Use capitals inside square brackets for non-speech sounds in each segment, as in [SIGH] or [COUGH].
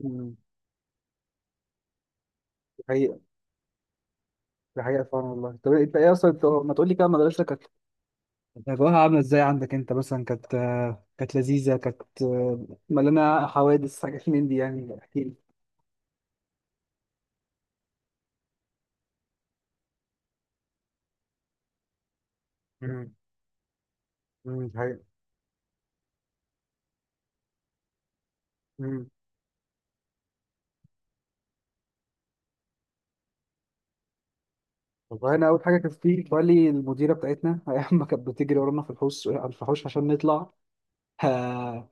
مم. دي حقيقة. دي حقيقة فعلا. والله، طب إيه، انت ايه اصلا؟ انت ما تقول لي كده، مدرستك كانت أجواءها عاملة ازاي عندك انت مثلا؟ كانت كانت لذيذة؟ كانت مليانة حوادث، حاجات من دي، يعني احكي لي. مم. مم. دي حقيقة. مم. والله انا اول حاجة كانت في بالي المديرة بتاعتنا [LAUGHS] ايام ما كانت بتجري ورانا في الحوش على الفحوش عشان نطلع. [LAUGHS] آه،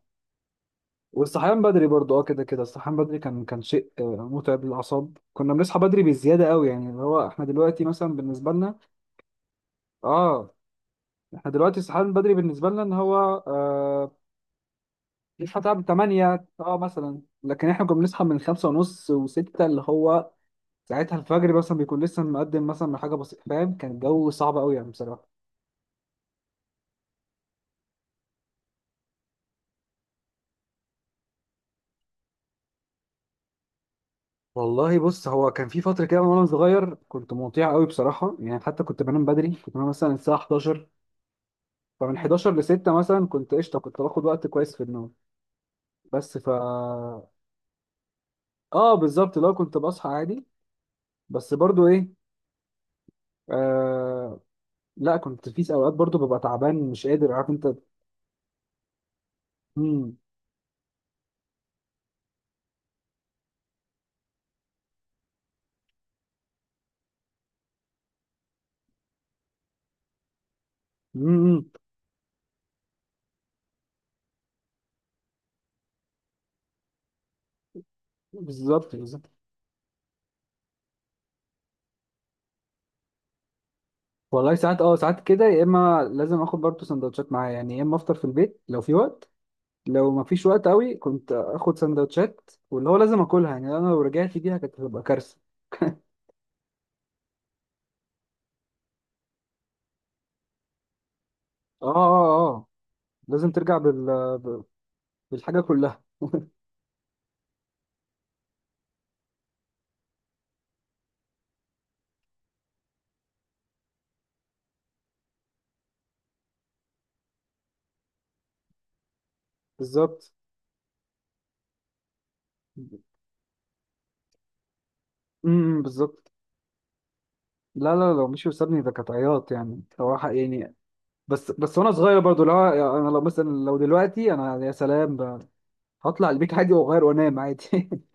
والصحيان بدري برضه، كده كده الصحيان بدري كان شيء متعب للأعصاب. كنا بنصحى بدري بزيادة قوي، يعني اللي هو احنا دلوقتي مثلا بالنسبة لنا، اه، احنا دلوقتي الصحيان بدري بالنسبه لنا ان هو آه نصحى تعب 8 مثلا، لكن احنا كنا بنصحى من 5 ونص و6، اللي هو ساعتها الفجر مثلا بيكون لسه مقدم مثلا من حاجه بسيطه، فاهم؟ كان الجو صعب قوي يعني بصراحه. والله بص، هو كان في فتره كده وانا صغير كنت مطيع قوي بصراحه، يعني حتى كنت بنام بدري، كنت بنام مثلا الساعه 11، فمن 11 ل 6 مثلا كنت قشطه، كنت باخد وقت كويس في النوم. بس ف اه بالظبط، لو كنت بصحى عادي. بس برضو ايه آه، لا، كنت في اوقات برضو ببقى تعبان، مش قادر، عارف انت. امم. امم. بالظبط. بالظبط. والله ساعات، كده، يا اما لازم اخد برضو سندوتشات معايا يعني، يا اما افطر في البيت لو في وقت. لو ما فيش وقت قوي كنت اخد سندوتشات، واللي هو لازم اكلها يعني، انا لو رجعت بيها كانت هتبقى كارثه. اه، اه، اه، لازم ترجع ب- بالحاجه كلها. بالظبط. امم. بالظبط. لا، لا، لو مش وسابني، ده كانت عياط يعني، صراحه يعني. بس وانا صغير برضو، لا. انا لو مثلا لو دلوقتي انا، يا سلام، هطلع البيت عادي واغير وانام عادي. [LAUGHS]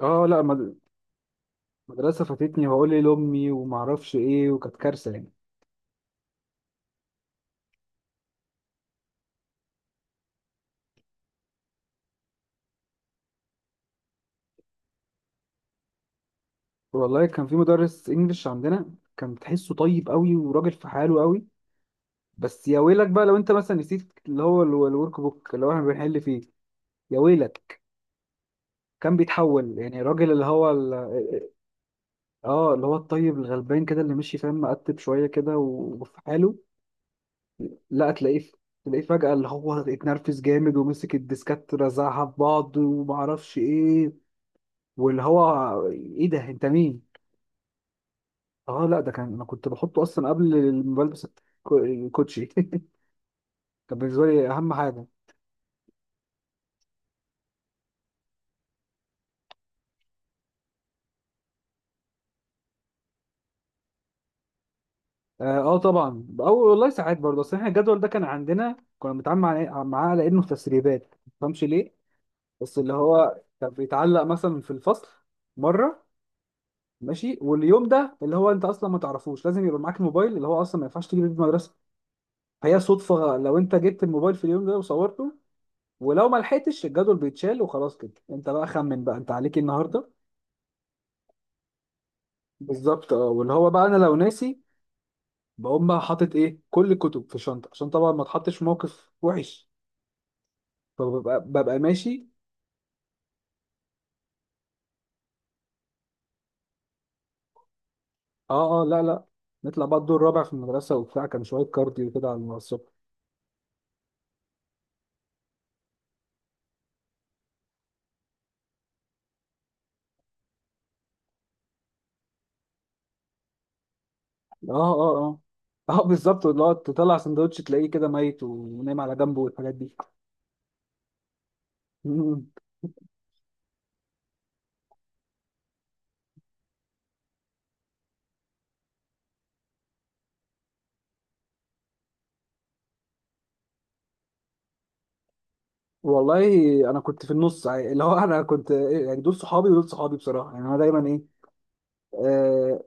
اه، لا، مدرسه فاتتني، وهقول ايه لامي، وما اعرفش ايه، وكانت كارثه يعني. والله كان في مدرس انجلش عندنا، كان تحسه طيب قوي وراجل في حاله قوي، بس يا ويلك بقى لو انت مثلا نسيت اللي هو الورك بوك اللي هو احنا بنحل فيه. يا ويلك. كان بيتحول يعني الراجل اه اللي هو الطيب الغلبان كده، اللي مشي فاهم، مقتب شويه كده، وفي حاله. لا تلاقيه فجأة اللي هو اتنرفز جامد ومسك الديسكات رزعها في بعض، ومعرفش ايه، واللي هو ايه ده، انت مين؟ اه، لا، ده كان انا كنت بحطه اصلا قبل ما بلبس الكوتشي. [LAUGHS] كان بالنسبه لي اهم حاجه. طبعا. او والله ساعات برضه، اصل احنا الجدول ده كان عندنا كنا بنتعامل إيه؟ معاه على انه تسريبات، ما تفهمش ليه، بس اللي هو كان بيتعلق مثلا في الفصل مره، ماشي؟ واليوم ده اللي هو انت اصلا ما تعرفوش، لازم يبقى معاك الموبايل اللي هو اصلا ما ينفعش تجيب المدرسه، فهي صدفه لو انت جبت الموبايل في اليوم ده وصورته، ولو ما لحقتش الجدول بيتشال وخلاص. كده انت بقى خمن بقى انت عليك إيه النهارده. بالظبط، اه، واللي هو بقى انا لو ناسي، بقوم بقى حاطط ايه كل الكتب في شنطه عشان طبعا ما اتحطش في موقف وحش. فببقى ماشي. اه، اه، لا، لا، نطلع بقى الدور الرابع في المدرسه، وبتاع كان شويه كارديو كده على الصبح. اه، اه، اه. [LAUGHS] اه بالظبط، اللي هو تطلع سندوتش تلاقيه كده ميت ونايم على جنبه والحاجات دي. [LAUGHS] مم. والله انا كنت في النص يعني، اللي هو انا كنت يعني دول صحابي ودول صحابي بصراحه يعني، انا دايما ايه آه،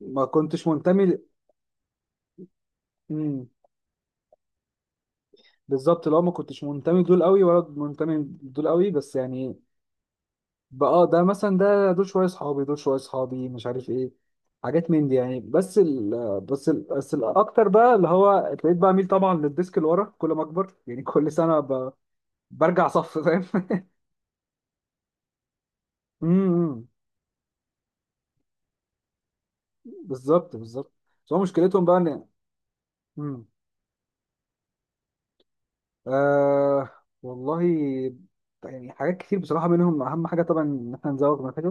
ما كنتش منتمي ل... مم. بالظبط، لو ما كنتش منتمي دول قوي ولا منتمي دول قوي، بس يعني بقى ده مثلا، دول شويه اصحابي، دول شويه اصحابي، مش عارف ايه، حاجات من دي يعني. بس الاكتر بقى اللي هو ابتديت بقى اميل طبعا للديسك اللي ورا كل ما اكبر، يعني كل سنه ب... برجع صف، فاهم. [LAUGHS] امم، بالظبط، بالظبط. بس هو مشكلتهم بقى ان، امم، آه والله يعني حاجات كتير بصراحه، منهم اهم حاجه طبعا ان احنا نزود مناخيرنا،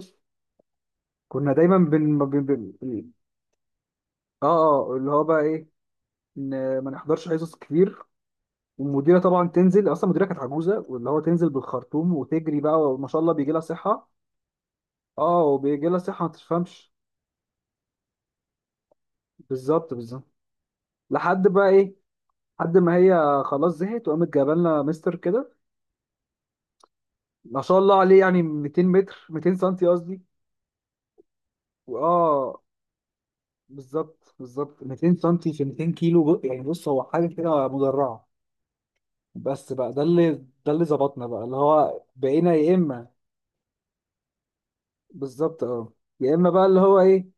كنا دايما بن بن بن، اه، اه، اللي هو بقى ايه، ان ما نحضرش حصص كتير. والمديره طبعا تنزل، اصلا المديره كانت عجوزه، واللي هو تنزل بالخرطوم وتجري بقى، وما شاء الله بيجي لها صحه. اه، وبيجي لها صحه ما تفهمش. بالظبط. بالظبط. لحد بقى ايه، لحد ما هي خلاص زهقت وقامت جايبه لنا مستر كده، ما شاء الله عليه، يعني 200 متر، 200 سنتي قصدي. واه بالظبط، بالظبط. 200 سنتي في 200 كيلو يعني، بص هو حاجه كده مدرعه. بس بقى ده اللي، ظبطنا بقى، اللي هو بقينا يا اما، بالظبط، اه، يا اما بقى اللي هو ايه.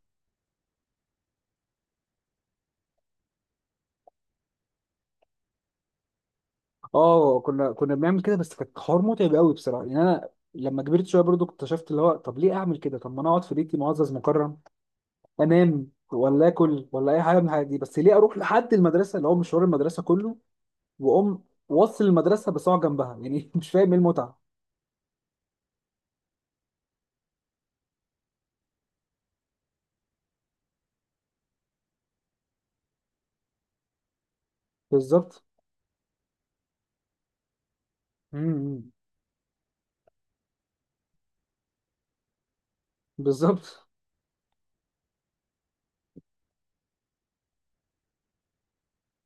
اه، كنا بنعمل كده، بس كانت حوار متعب قوي بصراحه، يعني انا لما كبرت شويه برضو اكتشفت اللي هو طب ليه اعمل كده؟ طب ما انا اقعد في بيتي معزز مكرم، انام ولا اكل ولا اي حاجه من الحاجات دي، بس ليه اروح لحد المدرسه؟ اللي هو مشوار المدرسه كله، واقوم وصل المدرسه بساعه جنبها يعني، [LAUGHS] مش فاهم ايه المتعه. بالظبط. امم. بالظبط.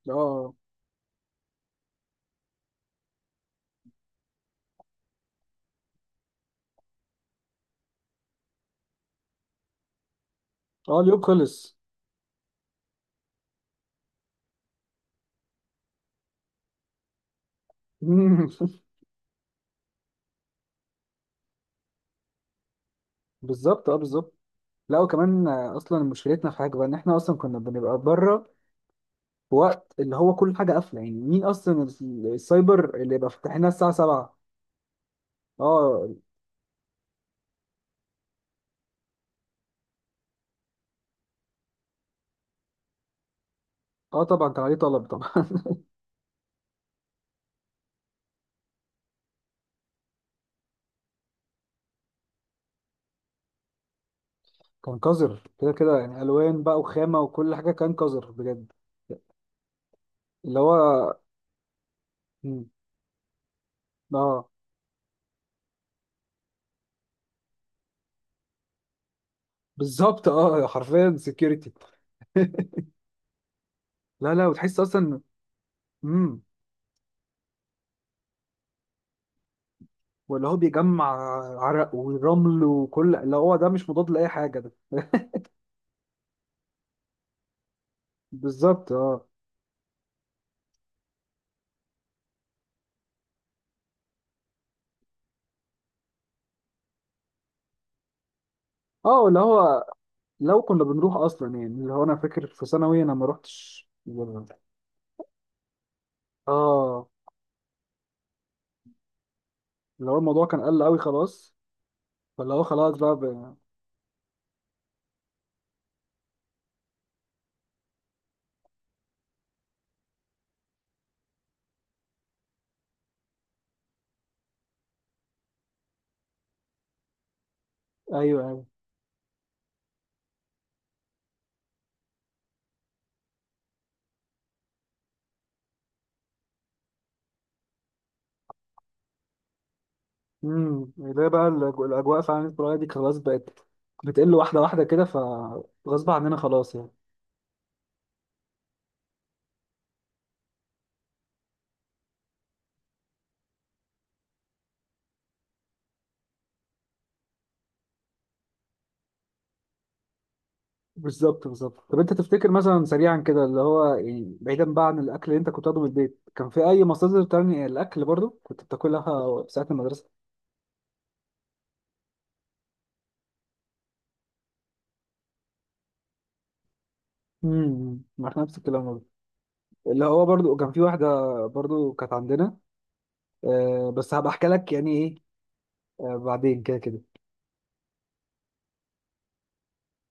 اه، اه، اليوم خلص. [LAUGHS] بالظبط، اه، بالظبط. لا، وكمان اصلا مشكلتنا في حاجه بقى ان احنا اصلا كنا بنبقى بره في وقت اللي هو كل حاجه قافله، يعني مين اصلا السايبر اللي يبقى فاتح لنا الساعه 7؟ اه، اه طبعا، كان عليه طلب طبعا. [LAUGHS] كان قذر كده كده يعني، الوان بقى وخامه وكل حاجه، كان قذر بجد. اللي هو، مم. اه، بالظبط، اه، حرفيا سكيورتي. [LAUGHS] لا، لا، وتحس اصلا، امم، ولا هو بيجمع عرق ورمل، وكل اللي هو ده مش مضاد لاي حاجه ده. [LAUGHS] بالظبط، اه، اه، اللي هو لو كنا بنروح اصلا، يعني اللي هو انا فاكر في ثانوي انا ما روحتش اه، اللي هو الموضوع كان قل قوي خلاص، فاللي هو خلاص بقى، بقى. ايوه، ايوه، امم، اللي هي بقى الاجواء فعلا القريه دي خلاص بقت بتقل واحده واحده كده، فغصب عننا خلاص يعني. بالظبط. بالظبط. طب انت تفتكر مثلا سريعا كده اللي هو يعني بعيدا بقى عن الاكل اللي انت كنت بتاخده من البيت، كان في اي مصادر تانية الاكل برضو كنت بتاكلها ساعه المدرسه؟ امم، ما احنا نفس الكلام برضو، اللي هو برضو كان في واحده، برضو كانت عندنا، بس هبقى احكي لك يعني ايه. بعدين كده كده.